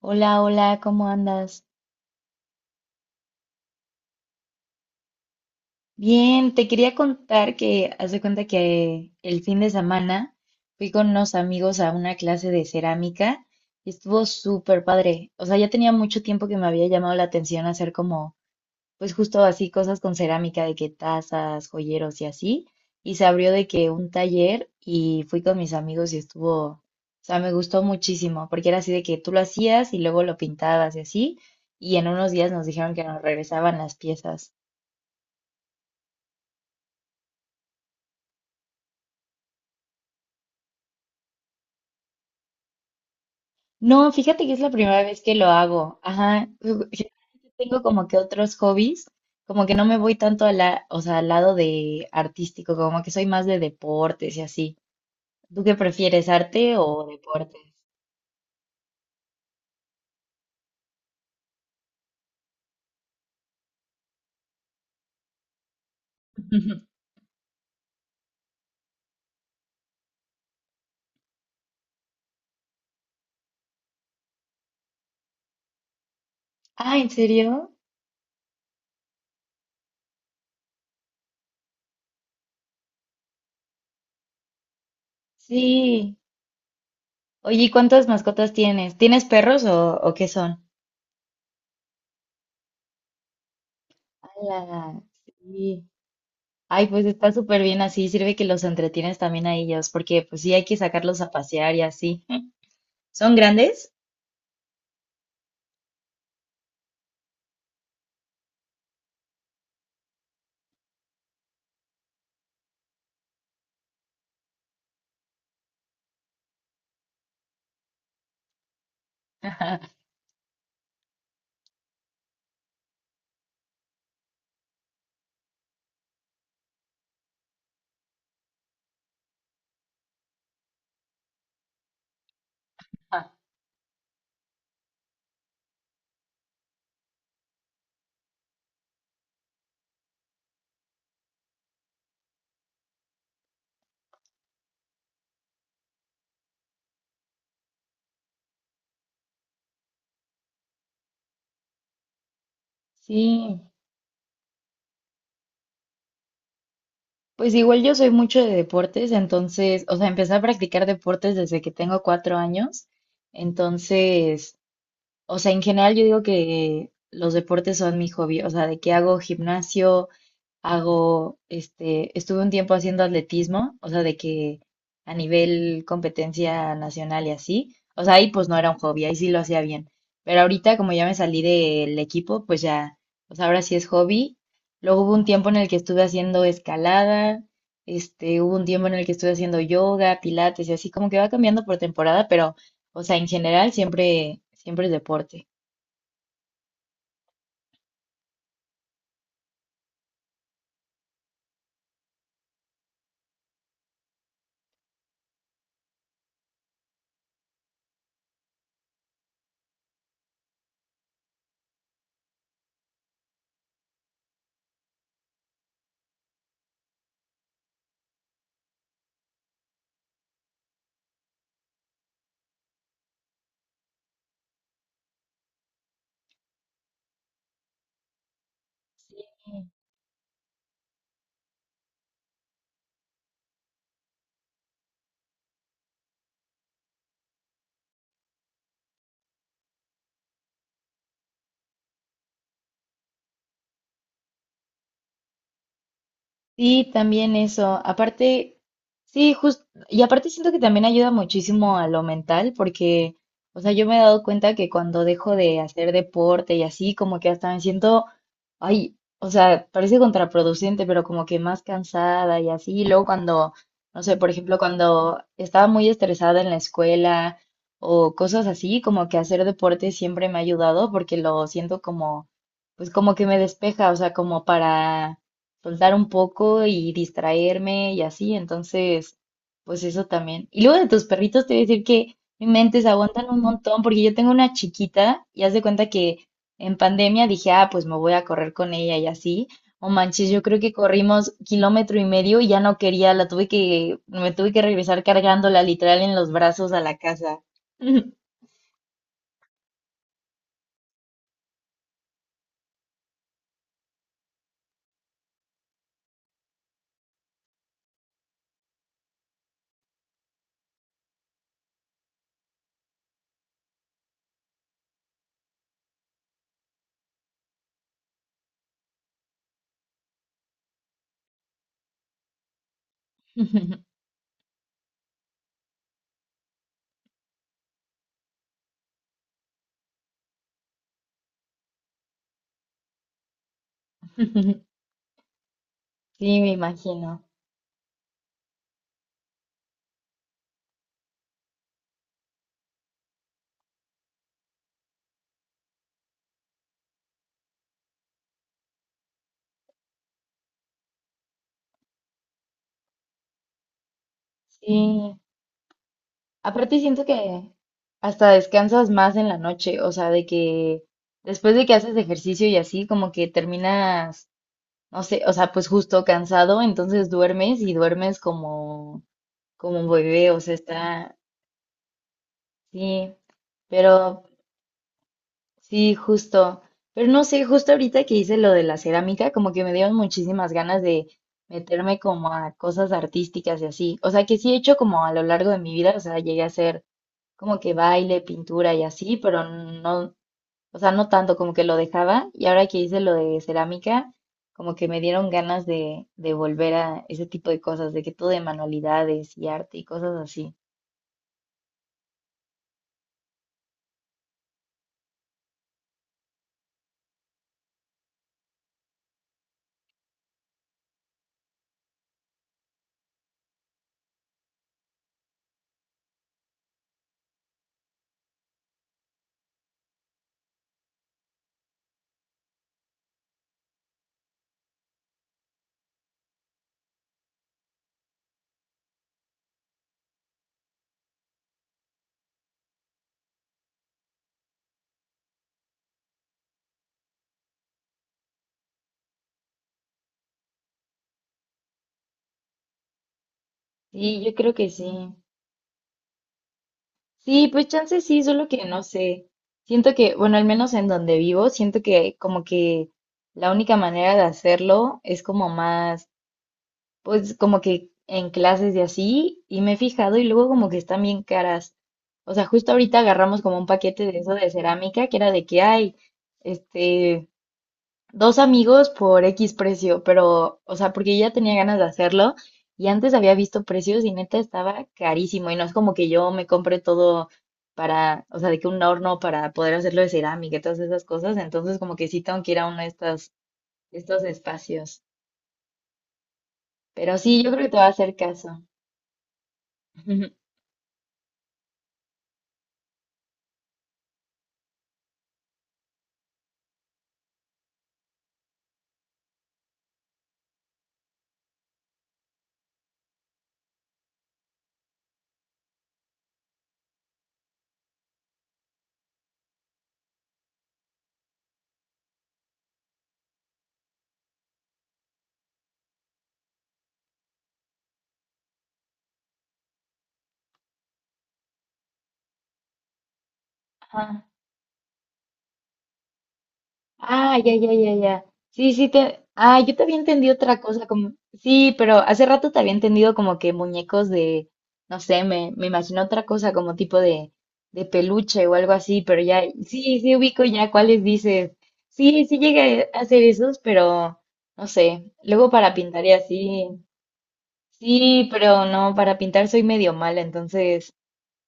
Hola, hola, ¿cómo andas? Bien, te quería contar que haz de cuenta que el fin de semana fui con unos amigos a una clase de cerámica y estuvo súper padre. O sea, ya tenía mucho tiempo que me había llamado la atención hacer como pues justo así cosas con cerámica, de que tazas, joyeros y así. Y se abrió de que un taller y fui con mis amigos y estuvo, o sea, me gustó muchísimo, porque era así de que tú lo hacías y luego lo pintabas y así. Y en unos días nos dijeron que nos regresaban las piezas. No, fíjate que es la primera vez que lo hago. Ajá. Generalmente tengo como que otros hobbies, como que no me voy tanto a la, o sea, al lado de artístico, como que soy más de deportes y así. ¿Tú qué prefieres, arte o deportes? Ah, ¿en serio? Sí. Oye, ¿y cuántas mascotas tienes? ¿Tienes perros o qué son? Ala, sí. Ay, pues está súper bien así. Sirve que los entretienes también a ellos, porque pues sí hay que sacarlos a pasear y así. ¿Son grandes? Sí. Pues igual yo soy mucho de deportes, entonces, o sea, empecé a practicar deportes desde que tengo 4 años. Entonces, o sea, en general yo digo que los deportes son mi hobby, o sea, de que hago gimnasio. Hago, este, estuve un tiempo haciendo atletismo, o sea, de que a nivel competencia nacional y así, o sea, ahí pues no era un hobby, ahí sí lo hacía bien, pero ahorita como ya me salí del equipo, pues ya, pues ahora sí es hobby. Luego hubo un tiempo en el que estuve haciendo escalada, este, hubo un tiempo en el que estuve haciendo yoga, pilates y así, como que va cambiando por temporada, pero, o sea, en general siempre es deporte. Sí, también eso. Aparte, sí, justo, y aparte siento que también ayuda muchísimo a lo mental, porque, o sea, yo me he dado cuenta que cuando dejo de hacer deporte y así, como que hasta me siento, ay, o sea, parece contraproducente, pero como que más cansada y así. Y luego cuando, no sé, por ejemplo, cuando estaba muy estresada en la escuela o cosas así, como que hacer deporte siempre me ha ayudado porque lo siento como, pues como que me despeja, o sea, como para soltar un poco y distraerme y así, entonces, pues eso también. Y luego de tus perritos te voy a decir que mi mente se aguantan un montón porque yo tengo una chiquita y haz de cuenta que en pandemia dije, ah, pues me voy a correr con ella y así. O manches, yo creo que corrimos kilómetro y medio y ya no quería, la tuve que, me tuve que regresar cargándola literal en los brazos a la casa. Sí, me imagino. Sí. Aparte siento que hasta descansas más en la noche, o sea, de que después de que haces ejercicio y así, como que terminas, no sé, o sea, pues justo cansado, entonces duermes y duermes como, como un bebé, o sea, está, sí, pero sí, justo, pero no sé, justo ahorita que hice lo de la cerámica, como que me dieron muchísimas ganas de meterme como a cosas artísticas y así, o sea, que sí he hecho como a lo largo de mi vida, o sea, llegué a hacer como que baile, pintura y así, pero no, o sea, no tanto como que lo dejaba. Y ahora que hice lo de cerámica, como que me dieron ganas de volver a ese tipo de cosas, de que todo de manualidades y arte y cosas así. Sí, yo creo que sí. Sí, pues chance sí, solo que no sé. Siento que, bueno, al menos en donde vivo, siento que como que la única manera de hacerlo es como más, pues como que en clases y así, y me he fijado y luego como que están bien caras. O sea, justo ahorita agarramos como un paquete de eso de cerámica, que era de que hay, este, dos amigos por X precio, pero, o sea, porque ya tenía ganas de hacerlo y antes había visto precios y neta estaba carísimo y no es como que yo me compre todo para, o sea, de que un horno para poder hacerlo de cerámica y todas esas cosas, entonces como que sí tengo que ir a uno de estos, estos espacios. Pero sí, yo creo que te va a hacer caso. Ajá. Ah, ya, ya, ya, ya. Sí, sí, te... Ah, yo te había entendido otra cosa, como... Sí, pero hace rato te había entendido como que muñecos de... No sé, me imagino otra cosa, como tipo de peluche o algo así, pero ya... Sí, sí, ubico ya cuáles dices. Sí, sí llegué a hacer esos, pero... No sé, luego para pintar y así... Sí, pero no, para pintar soy medio mala, entonces...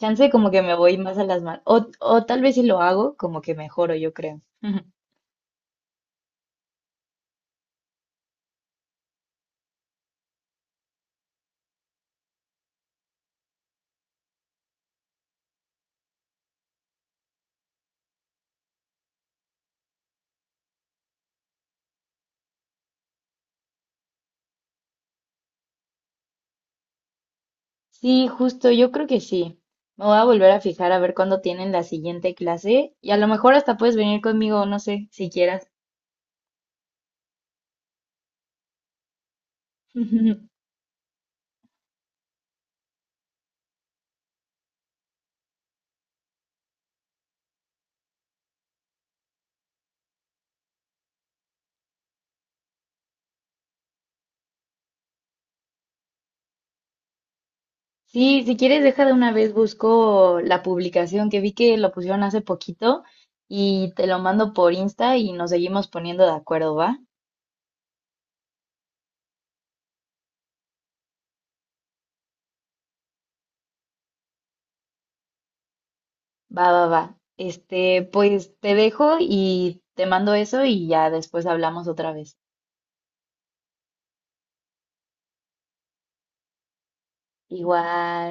Chance como que me voy más a las manos. O tal vez si lo hago, como que mejoro, yo creo. Sí, justo, yo creo que sí. Me voy a volver a fijar a ver cuándo tienen la siguiente clase y a lo mejor hasta puedes venir conmigo, no sé, si quieras. Sí, si quieres, deja de una vez busco la publicación que vi que lo pusieron hace poquito y te lo mando por Insta y nos seguimos poniendo de acuerdo, ¿va? Va, va, va. Este, pues te dejo y te mando eso y ya después hablamos otra vez. Igual.